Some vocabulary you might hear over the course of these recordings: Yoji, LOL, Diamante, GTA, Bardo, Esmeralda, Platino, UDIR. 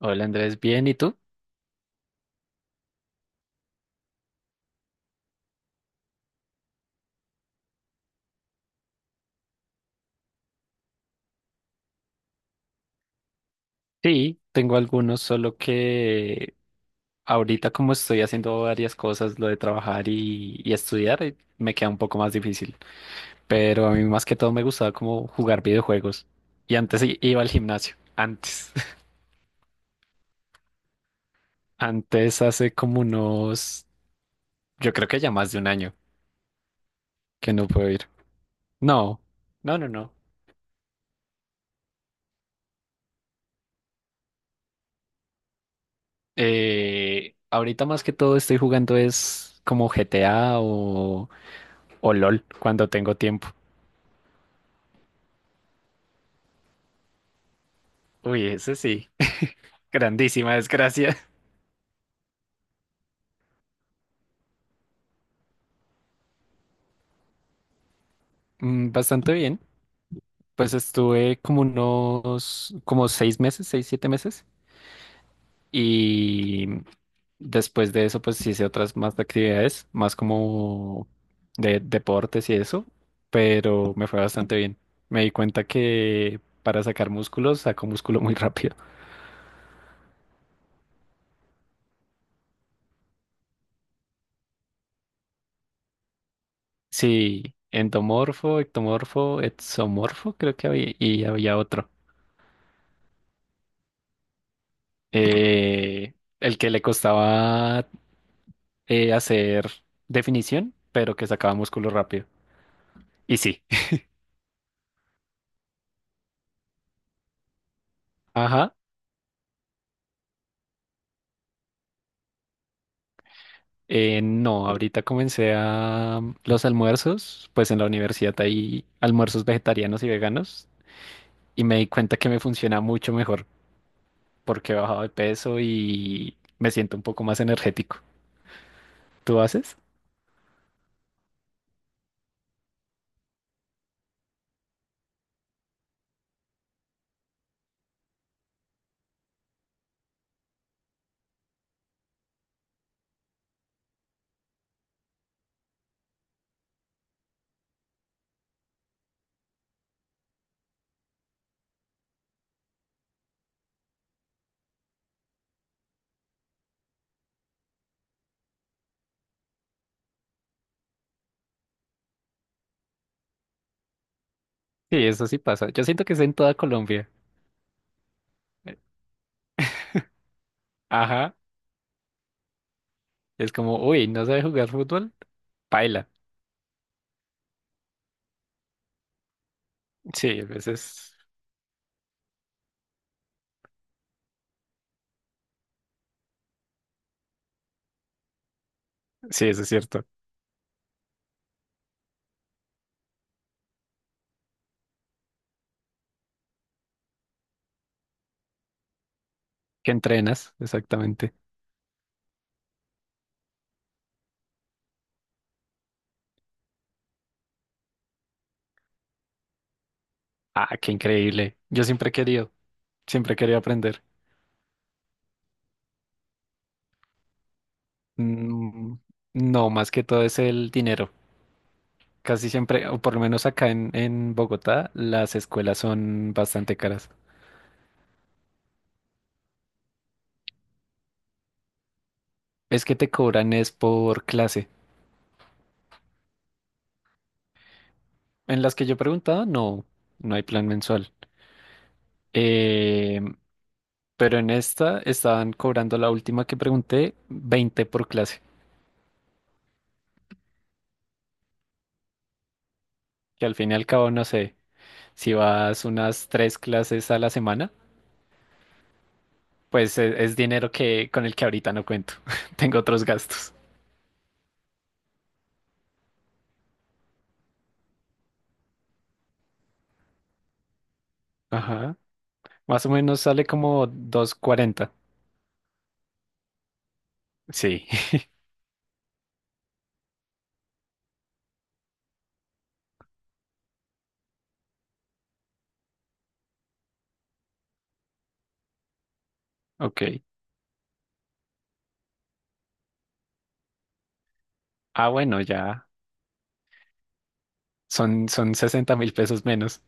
Hola Andrés, ¿bien? ¿Y tú? Sí, tengo algunos, solo que ahorita como estoy haciendo varias cosas, lo de trabajar y estudiar, me queda un poco más difícil. Pero a mí más que todo me gustaba como jugar videojuegos. Y antes iba al gimnasio, antes. Antes hace como unos, yo creo que ya más de un año que no puedo ir. No, no, no, no. Ahorita más que todo estoy jugando es como GTA o LOL cuando tengo tiempo. Uy, ese sí. Grandísima desgracia. Mm. Bastante bien. Pues estuve como unos, como 6 meses, seis, 7 meses. Y después de eso, pues hice otras más de actividades, más como de deportes y eso. Pero me fue bastante bien. Me di cuenta que para sacar músculos, saco músculo muy rápido. Sí, endomorfo, ectomorfo, exomorfo, creo que había, y había otro. Eh, el que le costaba hacer definición, pero que sacaba músculo rápido. Y sí. Ajá. No, ahorita comencé a los almuerzos, pues en la universidad hay almuerzos vegetarianos y veganos y me di cuenta que me funciona mucho mejor porque he bajado de peso y me siento un poco más energético. ¿Tú haces? Sí, eso sí pasa. Yo siento que es en toda Colombia. Eh, Ajá, es como, uy, ¿no sabes jugar fútbol? Paila. Sí, a veces, sí, eso es cierto. Que entrenas, exactamente. Ah, qué increíble. Yo siempre he querido aprender. Mm, no, más que todo es el dinero. Casi siempre, o por lo menos acá en Bogotá, las escuelas son bastante caras. Es que te cobran es por clase. En las que yo preguntaba, no, no hay plan mensual. Eh, pero en esta estaban cobrando la última que pregunté, 20 por clase. Que al fin y al cabo, no sé, si vas unas tres clases a la semana pues es, dinero que con el que ahorita no cuento. Tengo otros gastos. Ajá. Más o menos sale como 240. Sí, ok. Ah, bueno, ya son, son 60.000 pesos menos.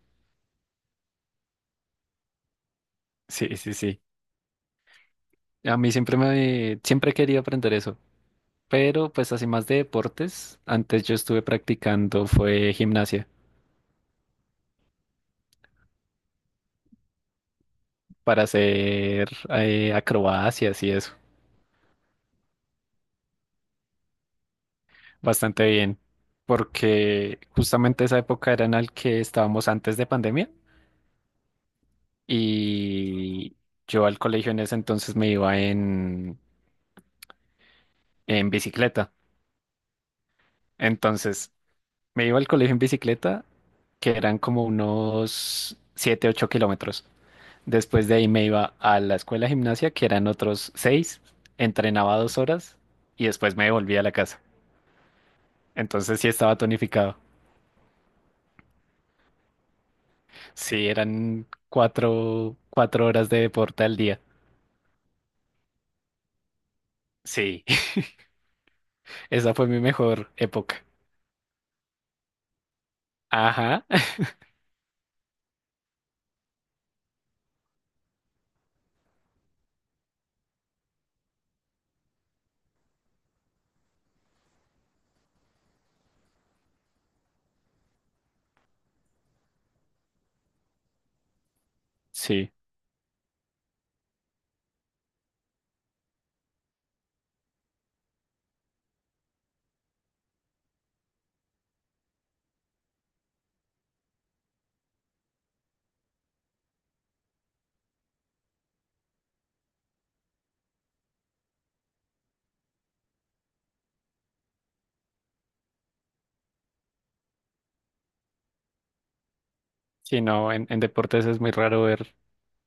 Sí, sí, sí. A mí siempre he querido aprender eso. Pero pues así más de deportes, antes yo estuve practicando fue gimnasia para hacer acrobacias y eso. Bastante bien. Porque justamente esa época era en la que estábamos antes de pandemia. Y yo al colegio en ese entonces me iba en bicicleta. Entonces me iba al colegio en bicicleta, que eran como unos 7 u 8 kilómetros. Después de ahí me iba a la escuela de gimnasia, que eran otros seis, entrenaba 2 horas y después me volvía a la casa. Entonces sí estaba tonificado. Sí, eran cuatro, 4 horas de deporte al día. Sí, esa fue mi mejor época. Ajá, sí. Sí, no, en deportes es muy raro ver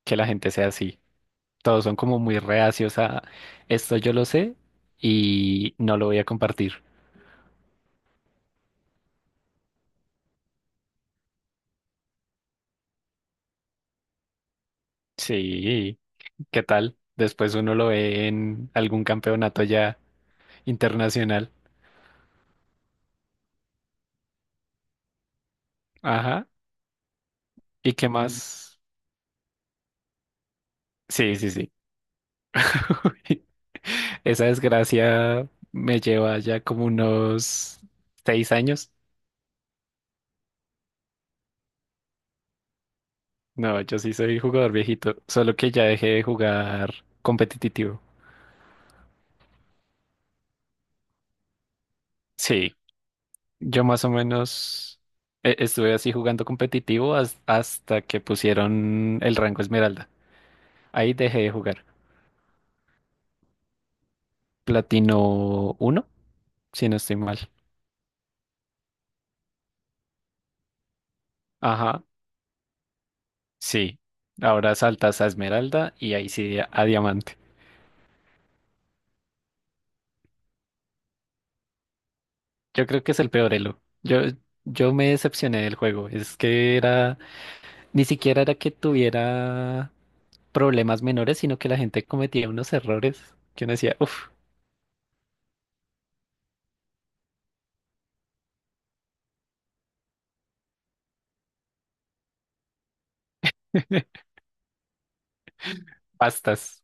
que la gente sea así. Todos son como muy reacios a esto, yo lo sé y no lo voy a compartir. Sí, ¿qué tal? Después uno lo ve en algún campeonato ya internacional. Ajá. ¿Y qué más? Sí, sí, sí. Esa desgracia me lleva ya como unos 6 años. No, yo sí soy jugador viejito, solo que ya dejé de jugar competitivo. Sí. Yo más o menos estuve así jugando competitivo hasta que pusieron el rango Esmeralda. Ahí dejé de jugar. Platino uno, si no estoy mal. Ajá, sí. Ahora saltas a Esmeralda y ahí sí a Diamante. Yo creo que es el peor elo. Yo me decepcioné del juego. Es que era, ni siquiera era que tuviera problemas menores, sino que la gente cometía unos errores que uno decía, uff, bastas.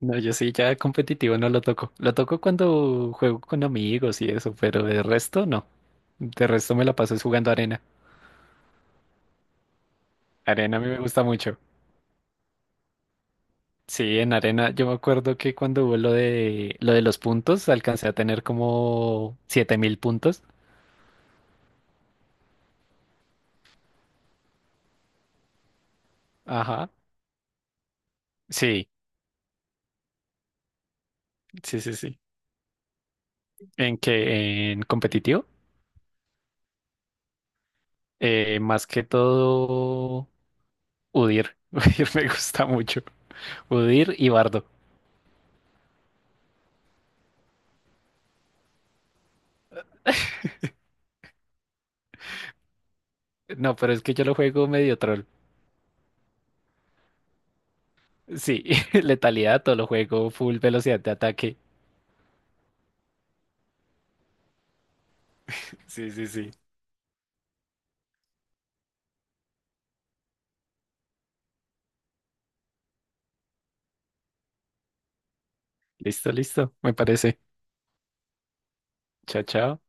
No, yo sí, ya competitivo no lo toco. Lo toco cuando juego con amigos y eso, pero de resto no. De resto me la paso es jugando arena. Arena a mí me gusta mucho. Sí, en arena yo me acuerdo que cuando hubo lo de los puntos, alcancé a tener como 7.000 puntos. Ajá. Sí, sí, sí, sí. En que en competitivo, más que todo UDIR. UDIR me gusta mucho. UDIR y Bardo. No, pero es que yo lo juego medio troll. Sí, letalidad, todo lo juego, full velocidad de ataque. Sí, sí, sí. Listo, listo, me parece. Chao, chao.